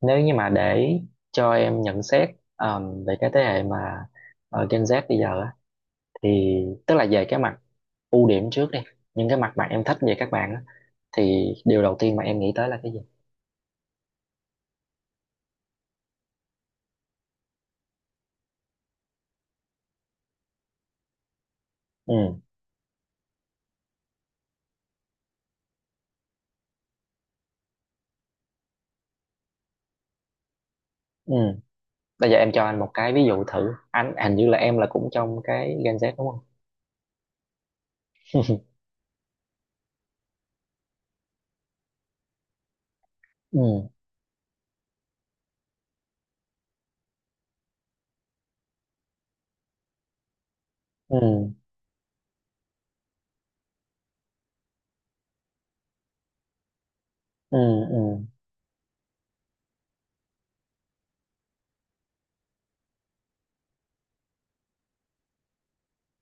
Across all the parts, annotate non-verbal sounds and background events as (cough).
Nếu như mà để cho em nhận xét về cái thế hệ mà Gen Z bây giờ á, thì tức là về cái mặt ưu điểm trước đi, những cái mặt mà em thích về các bạn á, thì điều đầu tiên mà em nghĩ tới là cái gì? Ừ. Ừ. Bây giờ em cho anh một cái ví dụ thử. Anh hình như là em là cũng trong cái Gen Z đúng không? (laughs) Ừ. Ừ. Ừ. Ừ.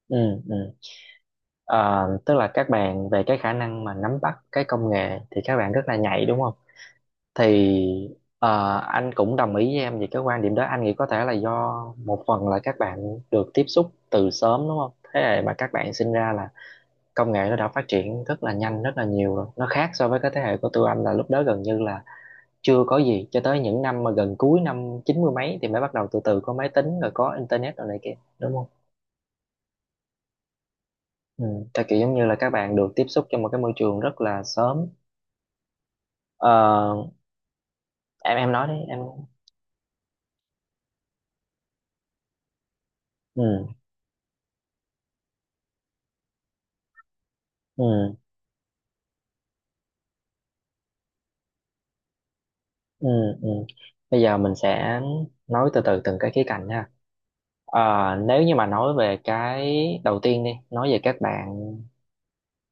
Ừ. Ừ. Tức là các bạn về cái khả năng mà nắm bắt cái công nghệ thì các bạn rất là nhạy đúng không? Thì anh cũng đồng ý với em về cái quan điểm đó. Anh nghĩ có thể là do một phần là các bạn được tiếp xúc từ sớm đúng không? Thế hệ mà các bạn sinh ra là công nghệ nó đã phát triển rất là nhanh, rất là nhiều rồi. Nó khác so với cái thế hệ của tụi anh, là lúc đó gần như là chưa có gì, cho tới những năm mà gần cuối năm chín mươi mấy thì mới bắt đầu từ từ có máy tính rồi có internet rồi này kia đúng không? Ừ. Tại kiểu giống như là các bạn được tiếp xúc trong một cái môi trường rất là sớm. Ờ, em nói đi em. Ừ. Ừ. Ừ, ừ. Bây giờ mình sẽ nói từ từ từng cái khía cạnh nha. Ờ, Nếu như mà nói về cái đầu tiên đi, nói về các bạn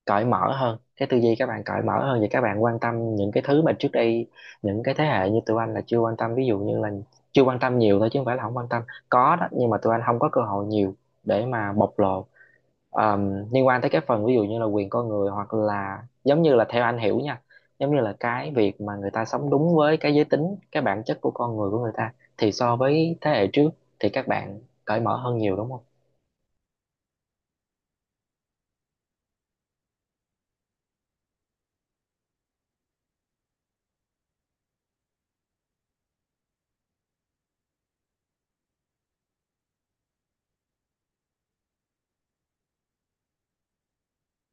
cởi mở hơn, cái tư duy các bạn cởi mở hơn, và các bạn quan tâm những cái thứ mà trước đây những cái thế hệ như tụi anh là chưa quan tâm. Ví dụ như là chưa quan tâm nhiều thôi chứ không phải là không quan tâm, có đó, nhưng mà tụi anh không có cơ hội nhiều để mà bộc lộ. Liên quan tới cái phần ví dụ như là quyền con người, hoặc là giống như là theo anh hiểu nha, giống như là cái việc mà người ta sống đúng với cái giới tính, cái bản chất của con người của người ta, thì so với thế hệ trước thì các bạn cởi mở hơn nhiều đúng không?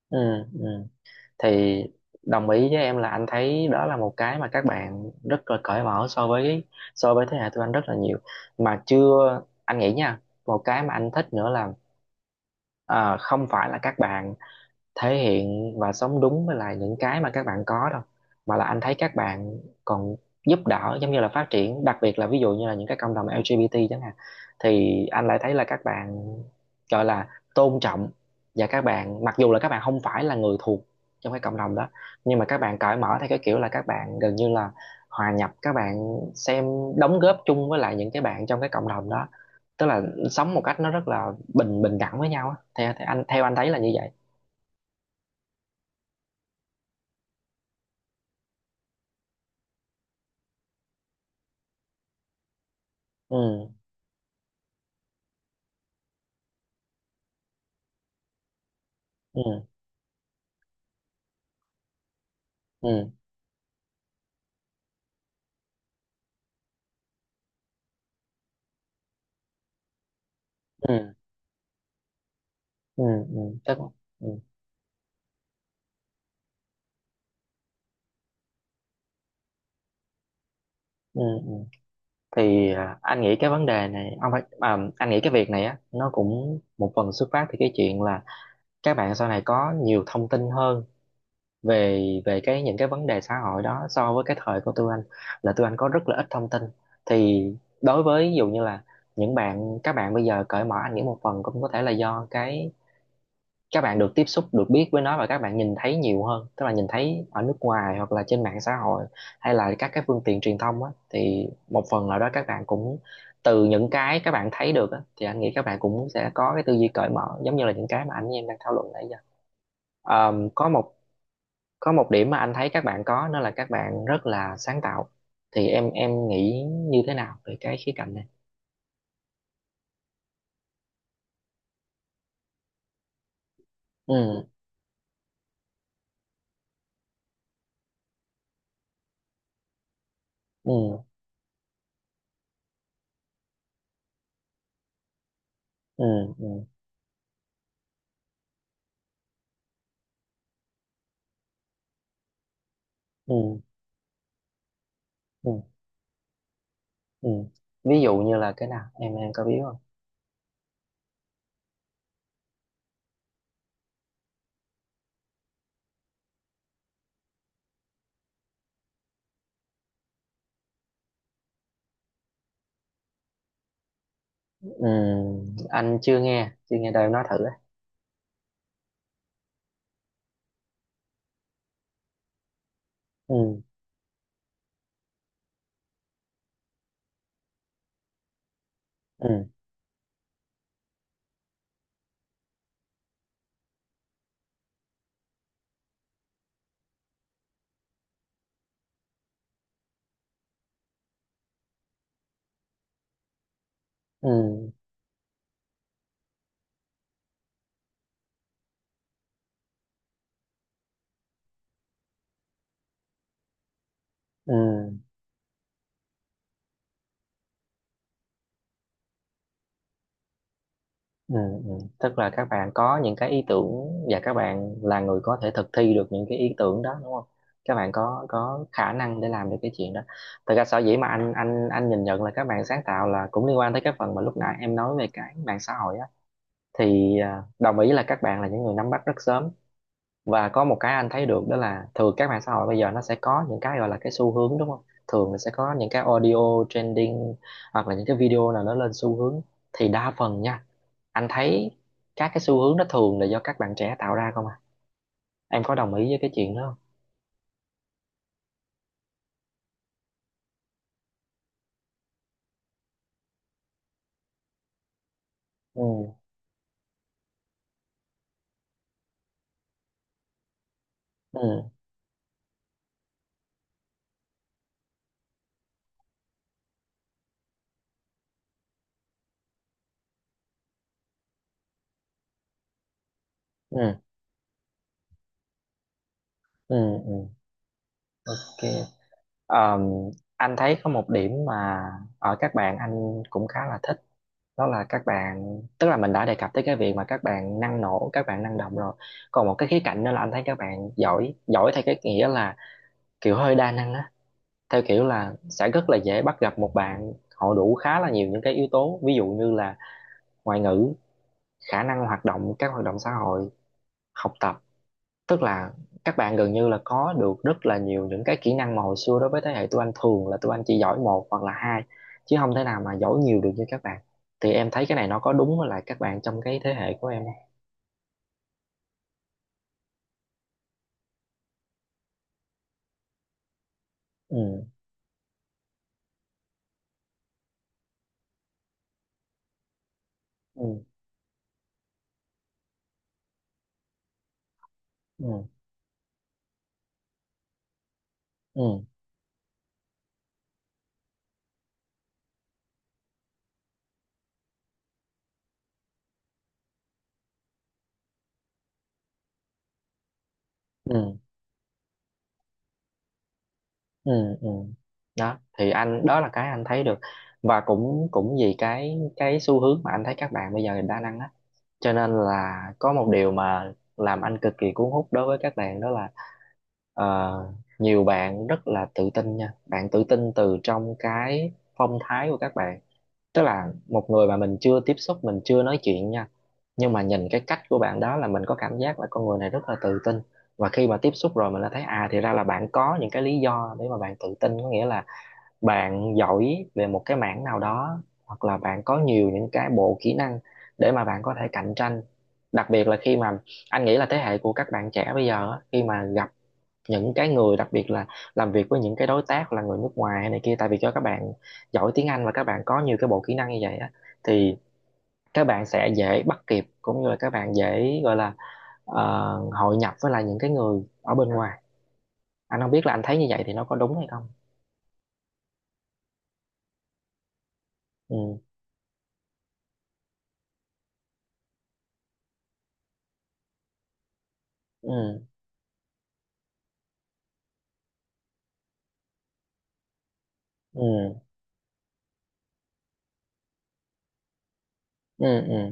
Ừ, ừ. Thì đồng ý với em là anh thấy đó là một cái mà các bạn rất là cởi mở so với thế hệ tụi anh rất là nhiều. Mà chưa, anh nghĩ nha, một cái mà anh thích nữa là, à, không phải là các bạn thể hiện và sống đúng với lại những cái mà các bạn có đâu, mà là anh thấy các bạn còn giúp đỡ, giống như là phát triển, đặc biệt là ví dụ như là những cái cộng đồng LGBT chẳng hạn. Thì anh lại thấy là các bạn gọi là tôn trọng, và các bạn, mặc dù là các bạn không phải là người thuộc trong cái cộng đồng đó, nhưng mà các bạn cởi mở theo cái kiểu là các bạn gần như là hòa nhập, các bạn xem, đóng góp chung với lại những cái bạn trong cái cộng đồng đó. Tức là sống một cách nó rất là bình bình đẳng với nhau á, theo, theo anh thấy là như vậy. Ừ. Ừ. Ừ. Ừ. Ừ. Ừ chắc. Ừ. Ừ. Ừ. Thì à, anh nghĩ cái vấn đề này ông phải, à, anh nghĩ cái việc này á, nó cũng một phần xuất phát từ cái chuyện là các bạn sau này có nhiều thông tin hơn về về cái những cái vấn đề xã hội đó so với cái thời của tụi anh, là tụi anh có rất là ít thông tin. Thì đối với ví dụ như là những bạn, các bạn bây giờ cởi mở, anh nghĩ một phần cũng có thể là do cái các bạn được tiếp xúc, được biết với nó, và các bạn nhìn thấy nhiều hơn, tức là nhìn thấy ở nước ngoài, hoặc là trên mạng xã hội, hay là các cái phương tiện truyền thông á, thì một phần nào đó các bạn cũng từ những cái các bạn thấy được á thì anh nghĩ các bạn cũng sẽ có cái tư duy cởi mở giống như là những cái mà anh với em đang thảo luận nãy giờ. Ờm, có một có một điểm mà anh thấy các bạn có đó là các bạn rất là sáng tạo. Thì em nghĩ như thế nào về cái khía cạnh này? Ừ. Ừ. Ừ. Ừ. Ừ. Ừ, ừ. Ví dụ như là cái nào em có biết không? Ừ, anh chưa nghe chưa nghe đâu, nói thử á. Ừ, ừ, ừ, ừ, ừ, ừ. Tức là các bạn có những cái ý tưởng và các bạn là người có thể thực thi được những cái ý tưởng đó đúng không? Các bạn có khả năng để làm được cái chuyện đó. Thật ra sở dĩ mà anh nhìn nhận là các bạn sáng tạo là cũng liên quan tới cái phần mà lúc nãy em nói về cái mạng xã hội á. Thì à, đồng ý là các bạn là những người nắm bắt rất sớm, và có một cái anh thấy được đó là thường các mạng xã hội bây giờ nó sẽ có những cái gọi là cái xu hướng đúng không? Thường là sẽ có những cái audio trending, hoặc là những cái video nào nó lên xu hướng. Thì đa phần nha, anh thấy các cái xu hướng nó thường là do các bạn trẻ tạo ra không à. Em có đồng ý với cái chuyện đó không? Ừ. Ừ. Ừ. Ừ, ừ. Ok. Ờ, anh thấy có một điểm mà ở các bạn anh cũng khá là thích. Đó là các bạn, tức là mình đã đề cập tới cái việc mà các bạn năng nổ, các bạn năng động rồi. Còn một cái khía cạnh nữa là anh thấy các bạn giỏi, giỏi theo cái nghĩa là kiểu hơi đa năng á. Theo kiểu là sẽ rất là dễ bắt gặp một bạn họ đủ khá là nhiều những cái yếu tố, ví dụ như là ngoại ngữ, khả năng hoạt động, các hoạt động xã hội, học tập. Tức là các bạn gần như là có được rất là nhiều những cái kỹ năng mà hồi xưa đối với thế hệ tụi anh, thường là tụi anh chỉ giỏi một hoặc là hai, chứ không thể nào mà giỏi nhiều được như các bạn. Thì em thấy cái này nó có đúng với lại các bạn trong cái thế hệ của em không? Ừ. Ừ. Ừ. Ừ. Ừ. Ừ. Ừ. Đó thì anh, đó là cái anh thấy được, và cũng cũng vì cái xu hướng mà anh thấy các bạn bây giờ đa năng á, cho nên là có một điều mà làm anh cực kỳ cuốn hút đối với các bạn, đó là, Ờ, nhiều bạn rất là tự tin nha, bạn tự tin từ trong cái phong thái của các bạn. Tức là một người mà mình chưa tiếp xúc, mình chưa nói chuyện nha, nhưng mà nhìn cái cách của bạn đó là mình có cảm giác là con người này rất là tự tin. Và khi mà tiếp xúc rồi mình đã thấy à, thì ra là bạn có những cái lý do để mà bạn tự tin. Có nghĩa là bạn giỏi về một cái mảng nào đó, hoặc là bạn có nhiều những cái bộ kỹ năng để mà bạn có thể cạnh tranh. Đặc biệt là khi mà, anh nghĩ là thế hệ của các bạn trẻ bây giờ á, khi mà gặp những cái người, đặc biệt là làm việc với những cái đối tác là người nước ngoài hay này kia, tại vì cho các bạn giỏi tiếng Anh và các bạn có nhiều cái bộ kỹ năng như vậy á, thì các bạn sẽ dễ bắt kịp, cũng như là các bạn dễ gọi là ờ, hội nhập với lại những cái người ở bên ngoài. Anh không biết là anh thấy như vậy thì nó có đúng hay không. Ừ. Ừ. Ừ. Ừ. Ừ.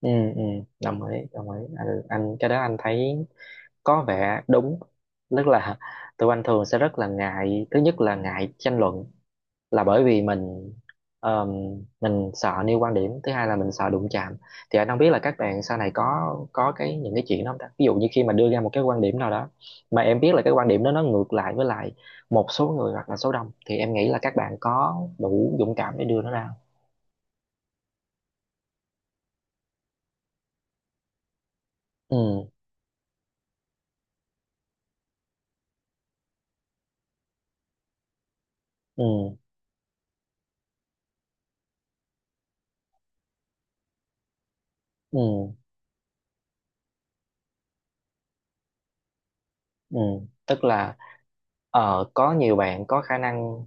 Ừ. Ừ. Đồng ý, đồng ý anh, cái đó anh thấy có vẻ đúng. Tức là tụi anh thường sẽ rất là ngại, thứ nhất là ngại tranh luận, là bởi vì mình, ờm, mình sợ nêu quan điểm. Thứ hai là mình sợ đụng chạm. Thì anh không biết là các bạn sau này có cái những cái chuyện đó không ta. Ví dụ như khi mà đưa ra một cái quan điểm nào đó mà em biết là cái quan điểm đó nó ngược lại với lại một số người hoặc là số đông, thì em nghĩ là các bạn có đủ dũng cảm để đưa nó ra không? Ừ. Ừ. Ừ. Ừ. Tức là có nhiều bạn có khả năng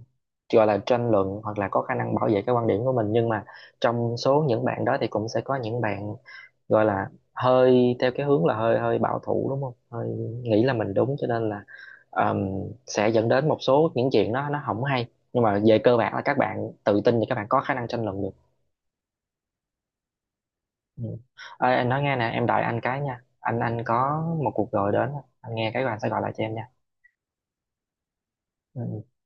gọi là tranh luận, hoặc là có khả năng bảo vệ cái quan điểm của mình, nhưng mà trong số những bạn đó thì cũng sẽ có những bạn gọi là hơi theo cái hướng là hơi hơi bảo thủ đúng không, hơi nghĩ là mình đúng, cho nên là ừm, sẽ dẫn đến một số những chuyện nó không hay. Nhưng mà về cơ bản là các bạn tự tin thì các bạn có khả năng tranh luận được. Ừ. Ê, anh nói nghe nè, em đợi anh cái nha, anh có một cuộc gọi đến, anh nghe cái rồi anh sẽ gọi lại cho em nha. Ừ.